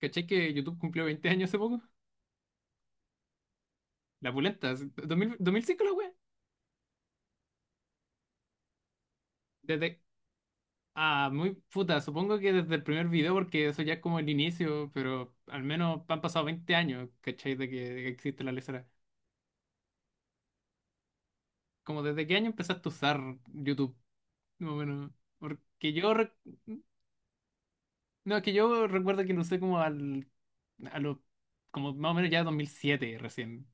¿Cachai que YouTube cumplió 20 años hace poco? La pulenta, así, 2000 2005 la wea. Desde, ah, muy puta, supongo que desde el primer video, porque eso ya es como el inicio, pero al menos han pasado 20 años, ¿cachai? De que existe la lesera. Como desde qué año empezaste a usar YouTube, más o menos. Porque yo, no, es que yo recuerdo que lo usé como al, a los, como más o menos ya 2007 recién.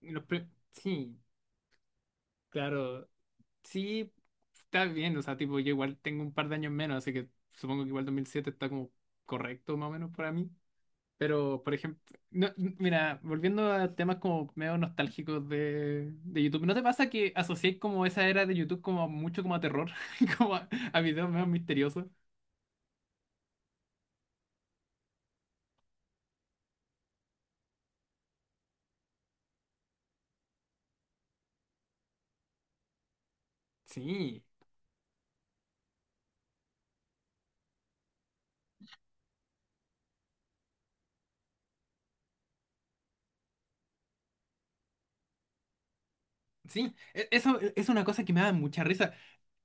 Sí, claro. Sí, está bien, o sea, tipo, yo igual tengo un par de años menos, así que supongo que igual 2007 está como correcto más o menos para mí. Pero, por ejemplo, no, mira, volviendo a temas como medio nostálgicos de YouTube, ¿no te pasa que asociáis como esa era de YouTube como mucho como a terror, como a videos medio misteriosos? Sí, sí, eso es una cosa que me da mucha risa.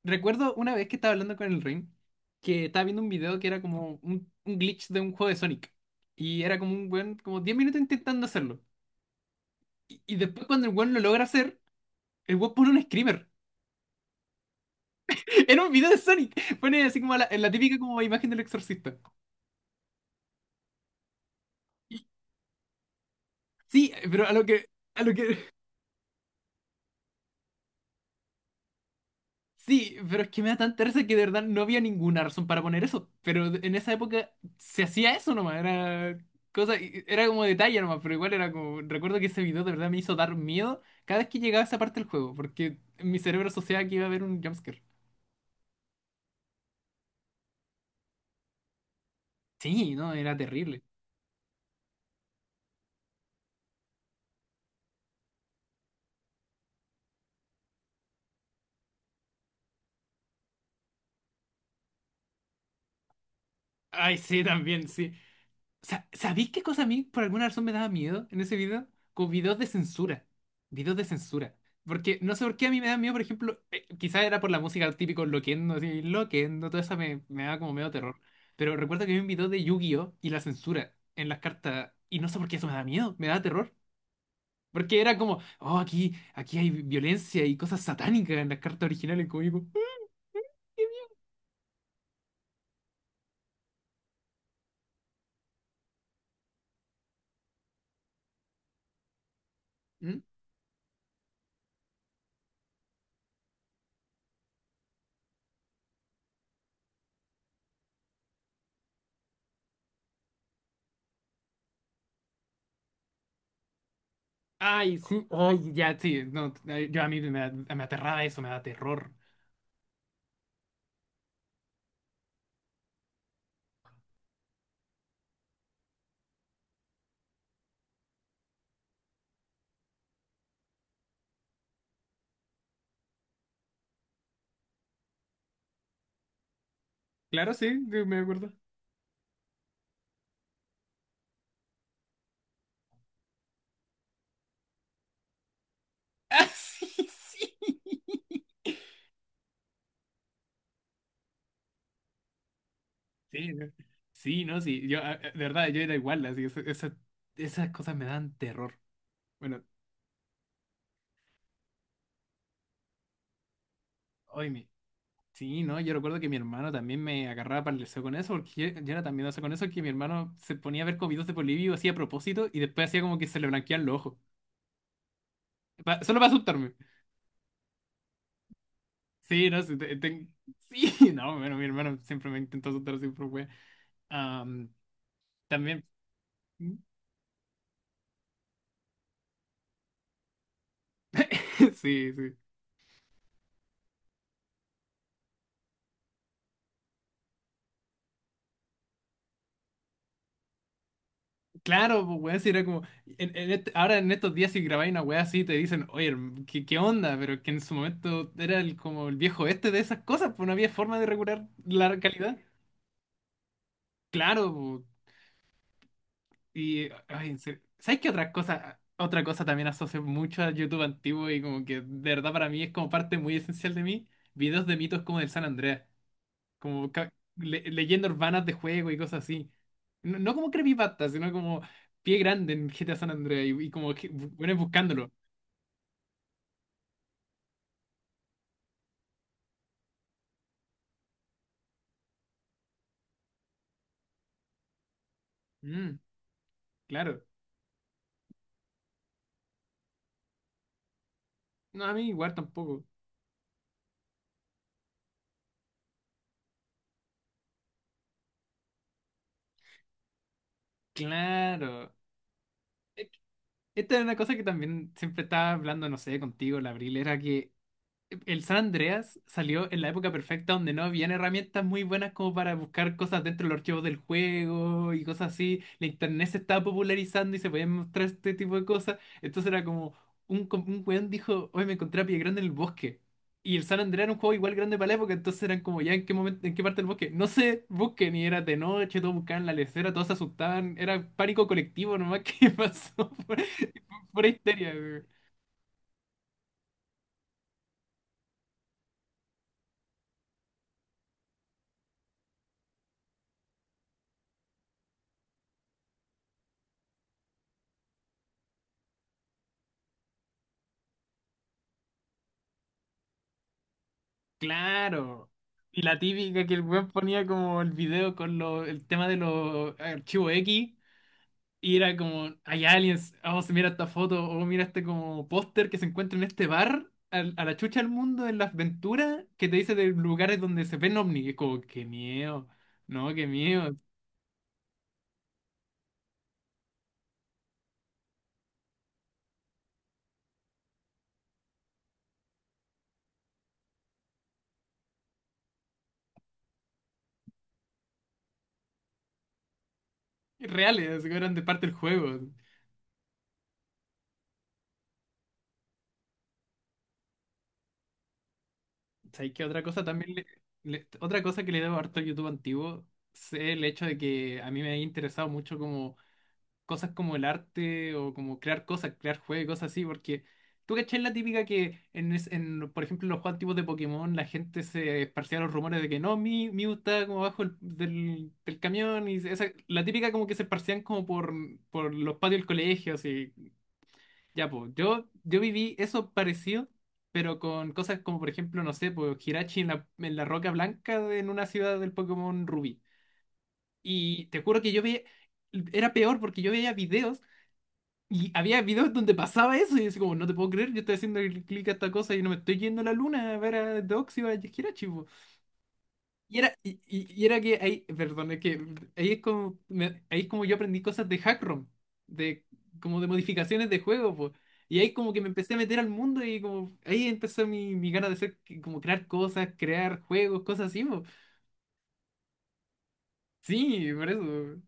Recuerdo una vez que estaba hablando con el Rin, que estaba viendo un video que era como un glitch de un juego de Sonic. Y era como un weón, como 10 minutos intentando hacerlo. Y después cuando el weón lo logra hacer, el weón pone un screamer. Era un video de Sonic. Pone así como la típica como imagen del exorcista. Sí, pero a lo que, sí, pero es que me da tanta risa que de verdad no había ninguna razón para poner eso. Pero en esa época se hacía eso nomás, era cosa, era como detalle nomás, pero igual era como, recuerdo que ese video de verdad me hizo dar miedo cada vez que llegaba a esa parte del juego, porque mi cerebro asociaba que iba a haber un jumpscare. Sí, no, era terrible. Ay, sí, también, sí. ¿Sabéis qué cosa a mí por alguna razón me daba miedo en ese video? Como videos de censura. Videos de censura. Porque no sé por qué a mí me da miedo, por ejemplo, quizás era por la música típico Loquendo, así, Loquendo, toda esa me daba como medio terror. Pero recuerdo que vi un video de Yu-Gi-Oh! Y la censura en las cartas, y no sé por qué eso me da miedo, me da terror. Porque era como, oh, aquí hay violencia y cosas satánicas en las cartas originales, como digo, ¿mm? Ay, sí, ay, ya, sí, no, ay, yo a mí me, me aterraba eso, me da terror. Claro, sí, que me acuerdo. Ah, sí, sí. Sí, no. Sí, no, sí. Yo, de verdad, yo era igual, así, esas cosas me dan terror. Bueno, hoy mi. Sí, no, yo recuerdo que mi hermano también me agarraba para el deseo con eso, porque yo, era tan miedoso con eso que mi hermano se ponía a ver comidos de Polivio, hacía a propósito y después hacía como que se le blanqueaban los ojos. Solo para asustarme. Sí, no, sí, sí, no, bueno, mi hermano siempre me intentó asustar, siempre fue. Am, también. Sí, sí. Claro, pues weón, si era como, ahora en estos días si grabáis una weá así te dicen, oye, ¿qué, qué onda? Pero es que en su momento era el, como el viejo este de esas cosas, pues no había forma de regular la calidad. Claro, pues, y, ay, en serio. ¿Sabes qué otra cosa? Otra cosa también asocio mucho a YouTube antiguo y como que de verdad para mí es como parte muy esencial de mí, videos de mitos como del San Andreas. Como leyendas urbanas de juego y cosas así. No, no como creepypasta, sino como pie grande en GTA San Andreas y como que bueno, buscándolo. Mm, claro. No, a mí igual tampoco. Claro. E- Esta es una cosa que también siempre estaba hablando, no sé, contigo, la Abril, era que el San Andreas salió en la época perfecta donde no habían herramientas muy buenas como para buscar cosas dentro de los archivos del juego y cosas así. La internet se estaba popularizando y se podían mostrar este tipo de cosas. Entonces era como un, un weón dijo, hoy me encontré a Pie Grande en el bosque. Y el San Andreas era un juego igual grande para la época, entonces eran como ya en qué momento, en qué parte del bosque. No sé, busquen y era de noche, todos buscaban la lecera, todos se asustaban, era pánico colectivo nomás que pasó por histeria. Claro. Y la típica que el web ponía como el video con lo, el tema de los archivos X y era como, hay aliens, vamos mira esta foto, o mira este como póster que se encuentra en este bar, a, la chucha del mundo, en las aventuras, que te dice de lugares donde se ven ovnis. Y es como, qué miedo, no, qué miedo. Y reales, así que eran de parte del juego. ¿Sabes qué? Otra cosa también, otra cosa que le debo harto al YouTube antiguo, es el hecho de que a mí me ha interesado mucho como cosas como el arte o como crear cosas, crear juegos, cosas así, porque tú cachai la típica que en, en, por ejemplo, los juegos antiguos de Pokémon la gente se esparcía los rumores de que no, mi Mew está como abajo del camión y esa, la típica como que se esparcían como por los patios del colegio, así. Ya, pues, yo, viví eso parecido. Pero con cosas como, por ejemplo, no sé, pues Hirachi en la Roca Blanca en una ciudad del Pokémon Rubí. Y te juro que yo veía, era peor porque yo veía videos y había videos donde pasaba eso y yo así como, no te puedo creer, yo estoy haciendo el clic a esta cosa y no me estoy yendo a la luna a ver a Doxy o a Jirachi, po". Y era que ahí, perdón, es que ahí es como, ahí es como yo aprendí cosas de hackrom, de como de modificaciones de juego, po. Y ahí como que me empecé a meter al mundo y como ahí empezó mi gana de hacer, como crear cosas, crear juegos, cosas así, po. Sí, por eso.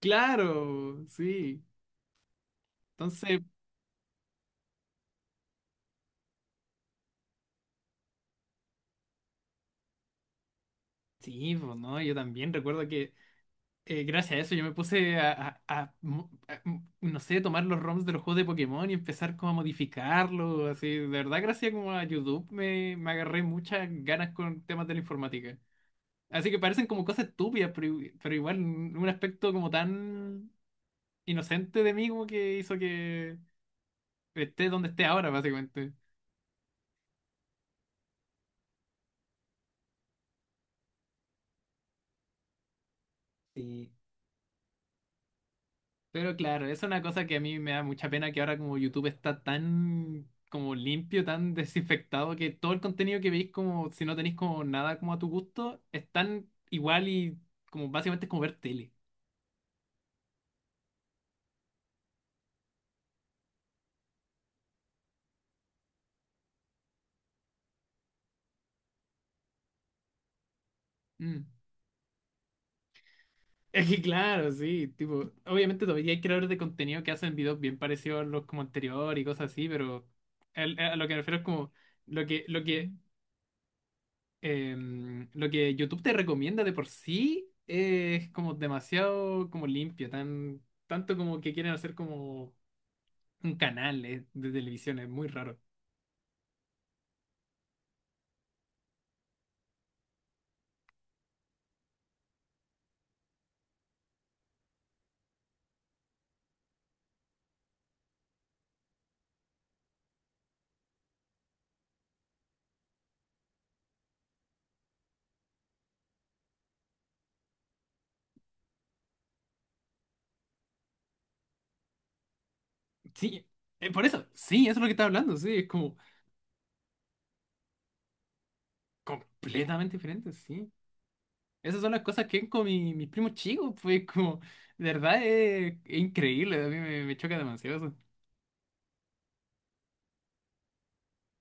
Claro, sí. Entonces, sí, pues no, yo también recuerdo que gracias a eso yo me puse a mo- a- m- no sé, tomar los ROMs de los juegos de Pokémon y empezar como a modificarlos, así. De verdad, gracias como a YouTube me agarré muchas ganas con temas de la informática. Así que parecen como cosas estúpidas, pero, pero igual un aspecto como tan inocente de mí como que hizo que esté donde esté ahora, básicamente. Sí. Pero claro, es una cosa que a mí me da mucha pena que ahora como YouTube está tan como limpio, tan desinfectado, que todo el contenido que veis como si no tenéis como nada como a tu gusto, es tan igual y como básicamente es como ver tele. Mm. Es que claro, sí, tipo, obviamente todavía hay creadores de contenido que hacen videos bien parecidos a los como anterior y cosas así, pero a lo que me refiero es como lo que, lo que lo que YouTube te recomienda de por sí es como demasiado como limpio, tan, tanto como que quieren hacer como un canal de televisión, es muy raro. Sí, por eso, sí, eso es lo que estaba hablando, sí, es como completamente diferente, sí. Esas son las cosas que ven con mi, mis primos chicos, pues como, de verdad es increíble, a mí me, choca demasiado eso.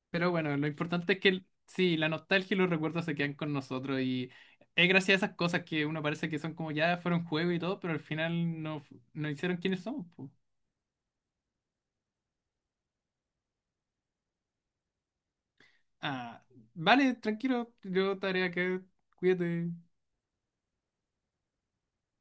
Pero bueno, lo importante es que sí, la nostalgia y los recuerdos se quedan con nosotros y es gracias a esas cosas que uno parece que son como ya fueron juego y todo, pero al final no, no hicieron quiénes somos. Po. Ah, vale, tranquilo, yo tarea que cuídate.